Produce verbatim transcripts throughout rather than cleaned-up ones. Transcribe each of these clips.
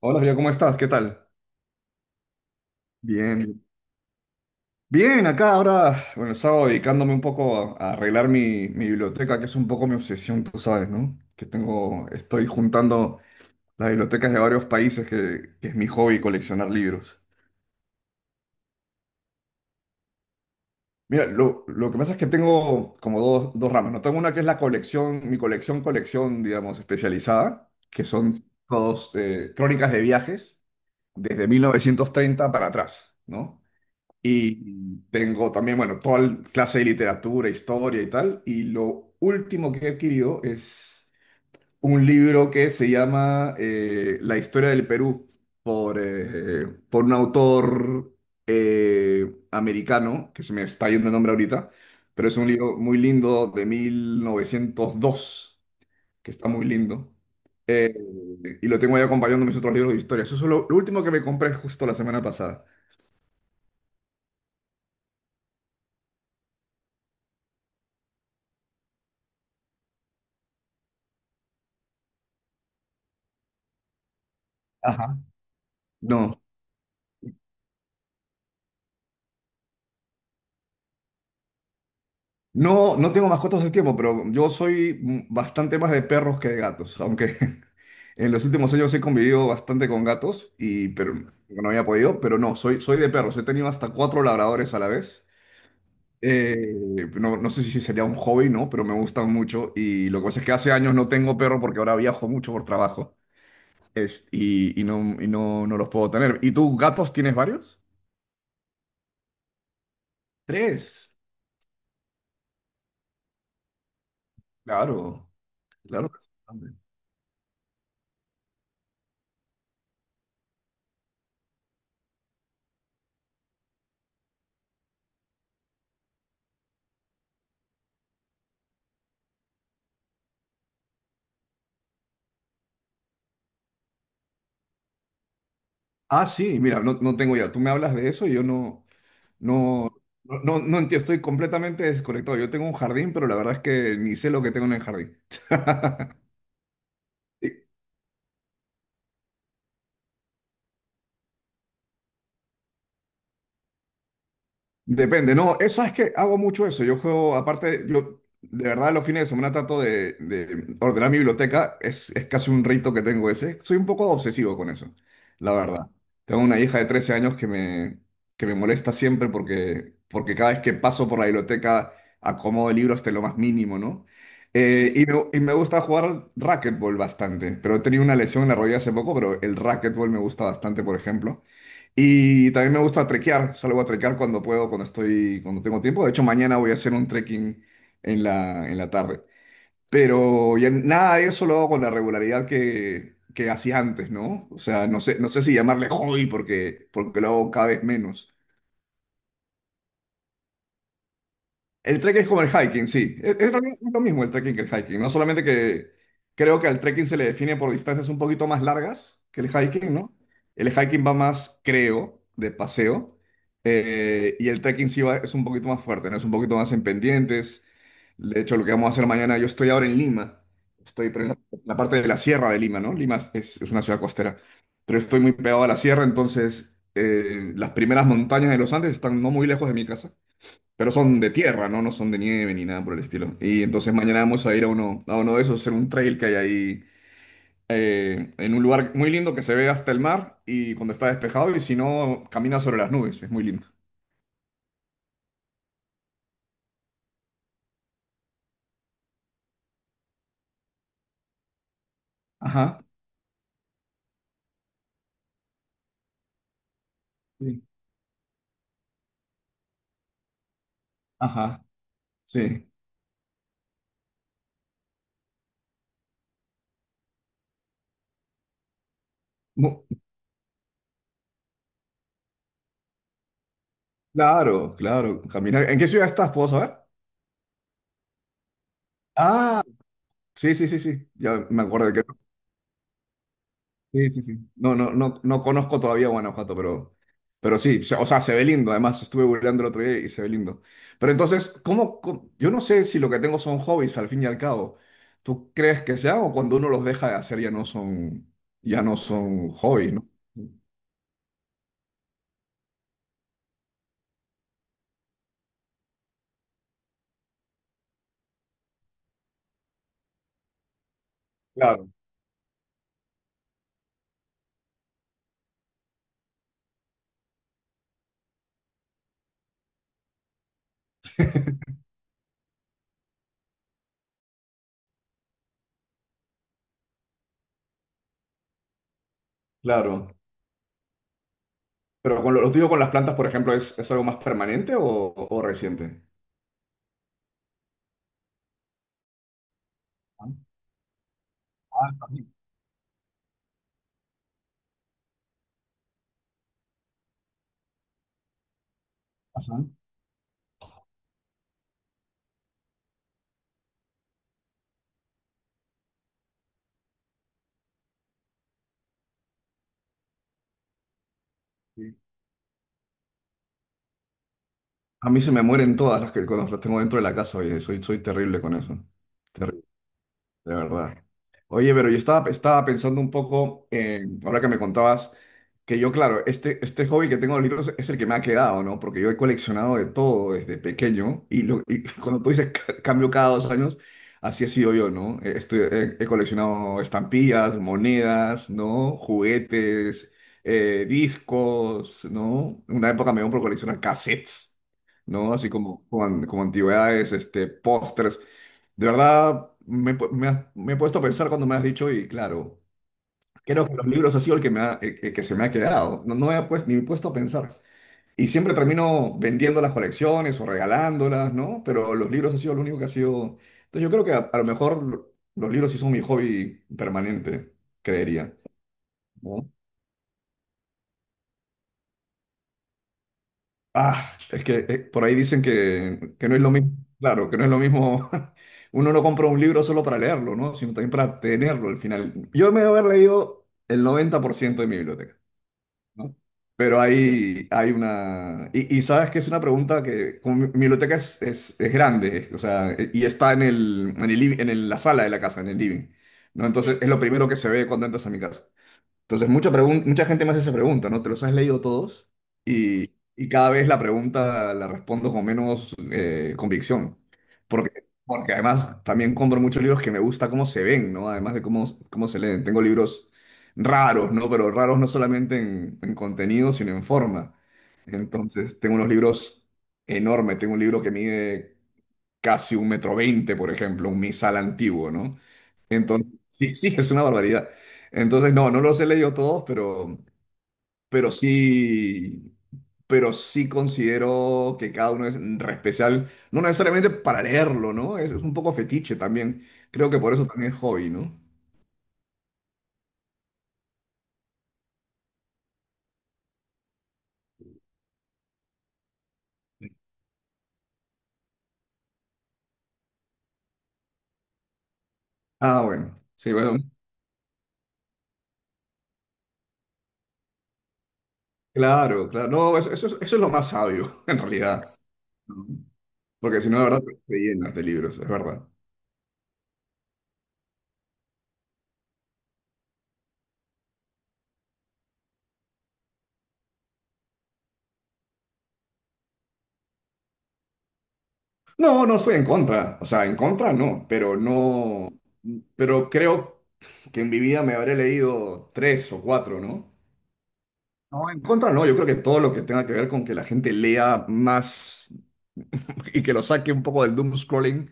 Hola, Río, ¿cómo estás? ¿Qué tal? Bien, bien. Acá ahora, bueno, estaba dedicándome un poco a, a arreglar mi, mi biblioteca, que es un poco mi obsesión, tú sabes, ¿no? Que tengo, estoy juntando las bibliotecas de varios países, que, que es mi hobby coleccionar libros. Mira, lo, lo que pasa es que tengo como dos, dos ramas, ¿no? Tengo una que es la colección, mi colección, colección, digamos, especializada, que son todos eh, crónicas de viajes desde mil novecientos treinta para atrás, ¿no? Y tengo también, bueno, toda el- clase de literatura, historia y tal. Y lo último que he adquirido es un libro que se llama eh, La historia del Perú por, eh, por un autor eh, americano, que se me está yendo el nombre ahorita, pero es un libro muy lindo de mil novecientos dos que está muy lindo. Eh, y lo tengo ahí acompañando mis otros libros de historia. Eso es lo, lo último que me compré justo la semana pasada. Ajá. No. No, no tengo mascotas hace tiempo, pero yo soy mm, bastante más de perros que de gatos, aunque en los últimos años he convivido bastante con gatos y pero bueno, no había podido, pero no, soy, soy de perros, he tenido hasta cuatro labradores a la vez. Eh, no, no sé si sería un hobby, ¿no? Pero me gustan mucho y lo que pasa es que hace años no tengo perro porque ahora viajo mucho por trabajo es- y, y no, y no, no los puedo tener. ¿Y tú, gatos, tienes varios? Tres. Claro, claro. Ah, sí, mira, no, no tengo idea. Tú me hablas de eso y yo no, no, no, no, no entiendo. Estoy completamente desconectado. Yo tengo un jardín, pero la verdad es que ni sé lo que tengo en el jardín. Depende, no, eso es que hago mucho eso. Yo juego, aparte, yo de verdad los fines de semana trato de, de ordenar mi biblioteca, es, es casi un rito que tengo ese. Soy un poco obsesivo con eso, la verdad. Tengo una hija de trece años que me, que me molesta siempre porque, porque cada vez que paso por la biblioteca acomodo el libro hasta lo más mínimo, ¿no? Eh, y, me, y me gusta jugar racquetball bastante, pero he tenido una lesión en la rodilla hace poco, pero el racquetball me gusta bastante, por ejemplo. Y también me gusta trekear, salgo a trekear cuando puedo, cuando estoy, cuando tengo tiempo. De hecho, mañana voy a hacer un trekking en la, en la tarde. Pero ya nada de eso lo hago con la regularidad que, que hacía antes, ¿no? O sea, no sé, no sé si llamarle hobby porque, porque lo hago cada vez menos. El trekking es como el hiking, sí. Es, es lo mi- es lo mismo el trekking que el hiking. No solamente que creo que al trekking se le define por distancias un poquito más largas que el hiking, ¿no? El hiking va más, creo, de paseo. eh, y el trekking sí va, es un poquito más fuerte, ¿no? Es un poquito más en pendientes. De hecho, lo que vamos a hacer mañana, yo estoy ahora en Lima. Estoy pero en la, la parte de la sierra de Lima, ¿no? Lima es, es una ciudad costera. Pero estoy muy pegado a la sierra, entonces eh, las primeras montañas de los Andes están no muy lejos de mi casa. Pero son de tierra, ¿no? No son de nieve ni nada por el estilo. Y entonces mañana vamos a ir a uno, a uno de esos, hacer un trail que hay ahí, eh, en un lugar muy lindo que se ve hasta el mar y cuando está despejado y si no, camina sobre las nubes, es muy lindo. Ajá, sí, ajá, sí. Mu- claro, claro, caminar. ¿En qué ciudad estás? ¿Puedo saber? Ah, sí, sí, sí, sí. Ya me acuerdo. Sí, sí, sí. No, no, no, no conozco todavía Guanajuato, pero, pero sí, se- o sea, se ve lindo. Además, estuve googleando el otro día y se ve lindo. Pero entonces, ¿cómo, cómo- yo no sé si lo que tengo son hobbies al fin y al cabo. ¿Tú crees que sea o cuando uno los deja de hacer ya no son, ya no son hobbies, ¿no? Claro, claro. Pero con lo, lo tuyo con las plantas, por ejemplo, ¿es, es algo más permanente o, o reciente? Ah, está bien. Ajá. Sí. A mí se me mueren todas las que cuando las tengo dentro de la casa, oye, soy, soy terrible con eso. De verdad. Oye, pero yo estaba, estaba pensando un poco, en- ahora que me contabas, que yo, claro, este, este hobby que tengo de los libros es el que me ha quedado, ¿no? Porque yo he coleccionado de todo desde pequeño y, lo, y cuando tú dices ca- cambio cada dos años, así he sido yo, ¿no? Eh, Estoy, he, he coleccionado estampillas, monedas, ¿no? Juguetes, eh, discos, ¿no? Una época me dio por coleccionar cassettes, ¿no? Así como, como, an- como antigüedades, este, pósters. De verdad, me, pu- me has- me he puesto a pensar cuando me has dicho y claro, creo que los libros ha sido el que, me ha- eh, eh, que se me ha quedado. No, no me he pues, ni puesto a pensar. Y siempre termino vendiendo las colecciones o regalándolas, ¿no? Pero los libros ha sido lo único que ha sido... Entonces yo creo que a, a lo mejor lo- los libros sí son mi hobby permanente, creería, ¿no? Ah, es que eh, por ahí dicen que, que no es lo mismo, claro, que no es lo mismo, uno no compra un libro solo para leerlo, ¿no? Sino también para tenerlo al final. Yo me debo haber leído el noventa por ciento de mi biblioteca, ¿no? Pero ahí hay una... Y, y sabes que es una pregunta que, como mi, mi biblioteca es, es, es grande, es- o sea, e- y está en el, en el, livi- en el- la sala de la casa, en el living, ¿no? Entonces, sí, es lo primero que se ve cuando entras a mi casa. Entonces, mucha, pregun- mucha gente me hace esa pregunta, ¿no? ¿Te los has leído todos? Y, y cada vez la pregunta la respondo con menos eh, convicción. Porque, porque además también compro muchos libros que me gusta cómo se ven, ¿no? Además de cómo, cómo se leen. Tengo libros raros, ¿no? Pero raros no solamente en, en contenido, sino en forma. Entonces, tengo unos libros enormes. Tengo un libro que mide casi un metro veinte, por ejemplo, un misal antiguo, ¿no? Entonces, sí, sí, es una barbaridad. Entonces, no, no los he leído todos, pero, pero sí, pero sí considero que cada uno es re especial, no necesariamente para leerlo, ¿no? Es, es un poco fetiche también. Creo que por eso también es hobby, ¿no? Ah, bueno, sí, bueno, claro, claro. No, eso, eso, es eso es lo más sabio, en realidad. ¿No? Porque si no, la verdad, te llenas de libros, es verdad. No, no estoy en contra, o sea, en contra no, pero no, pero creo que en mi vida me habré leído tres o cuatro, ¿no? No, en contra no, yo creo que todo lo que tenga que ver con que la gente lea más, y que lo saque un poco del doom scrolling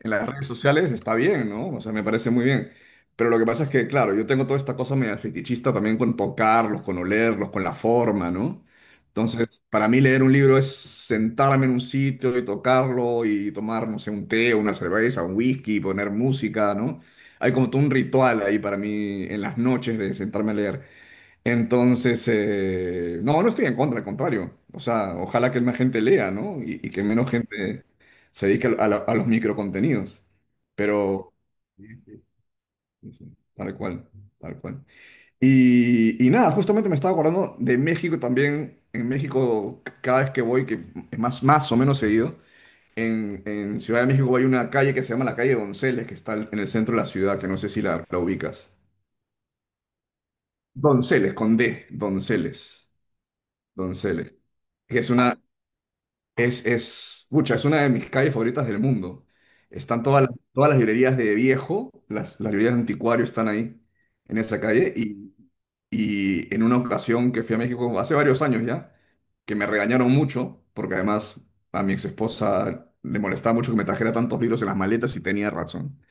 en las redes sociales está bien, ¿no? O sea, me parece muy bien. Pero lo que pasa es que, claro, yo tengo toda esta cosa media fetichista también con tocarlos, con olerlos, con la forma, ¿no? Entonces, para mí leer un libro es sentarme en un sitio y tocarlo y tomar, no sé, un té, una cerveza, un whisky, poner música, ¿no? Hay como todo un ritual ahí para mí en las noches de sentarme a leer. Entonces, eh, no, no estoy en contra, al contrario. O sea, ojalá que más gente lea, ¿no? Y, y que menos gente se dedique a, lo- a los microcontenidos. Pero, sí, sí, sí, sí, tal cual, tal cual. Y, y nada, justamente me estaba acordando de México también. En México, c- cada vez que voy, que es más, más o menos seguido, en, en Ciudad de México hay una calle que se llama la calle Donceles, que está en el centro de la ciudad, que no sé si la la ubicas. Donceles, con D, Donceles. Donceles. Que Es una, es, es, pucha, es una de mis calles favoritas del mundo. Están todas las, todas las librerías de viejo, las, las librerías de anticuario están ahí, en esa calle. Y, y en una ocasión que fui a México, hace varios años ya, que me regañaron mucho, porque además a mi ex esposa le molestaba mucho que me trajera tantos libros en las maletas y tenía razón.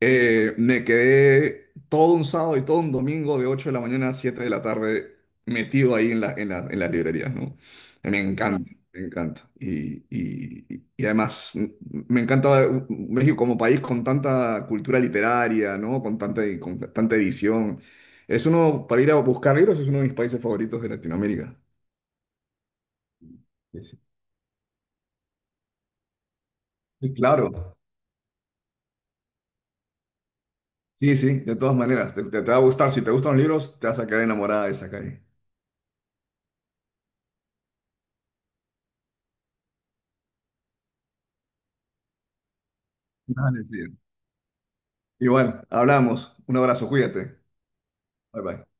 Eh, me quedé todo un sábado y todo un domingo de ocho de la mañana a siete de la tarde metido ahí en la, en la- en las librerías, ¿no? Me, claro, encanta, me encanta. Y, y- y además m- me encanta México como país con tanta cultura literaria, ¿no? Con tanta, con tanta edición. Es uno, para ir a buscar libros, es uno de mis países favoritos de Latinoamérica. Sí, sí. Sí, claro. Claro, sí, sí, de todas maneras, te, te- te va a gustar. Si te gustan los libros, te vas a quedar enamorada de esa calle. Dale, sí, igual, hablamos. Un abrazo, cuídate. Bye bye.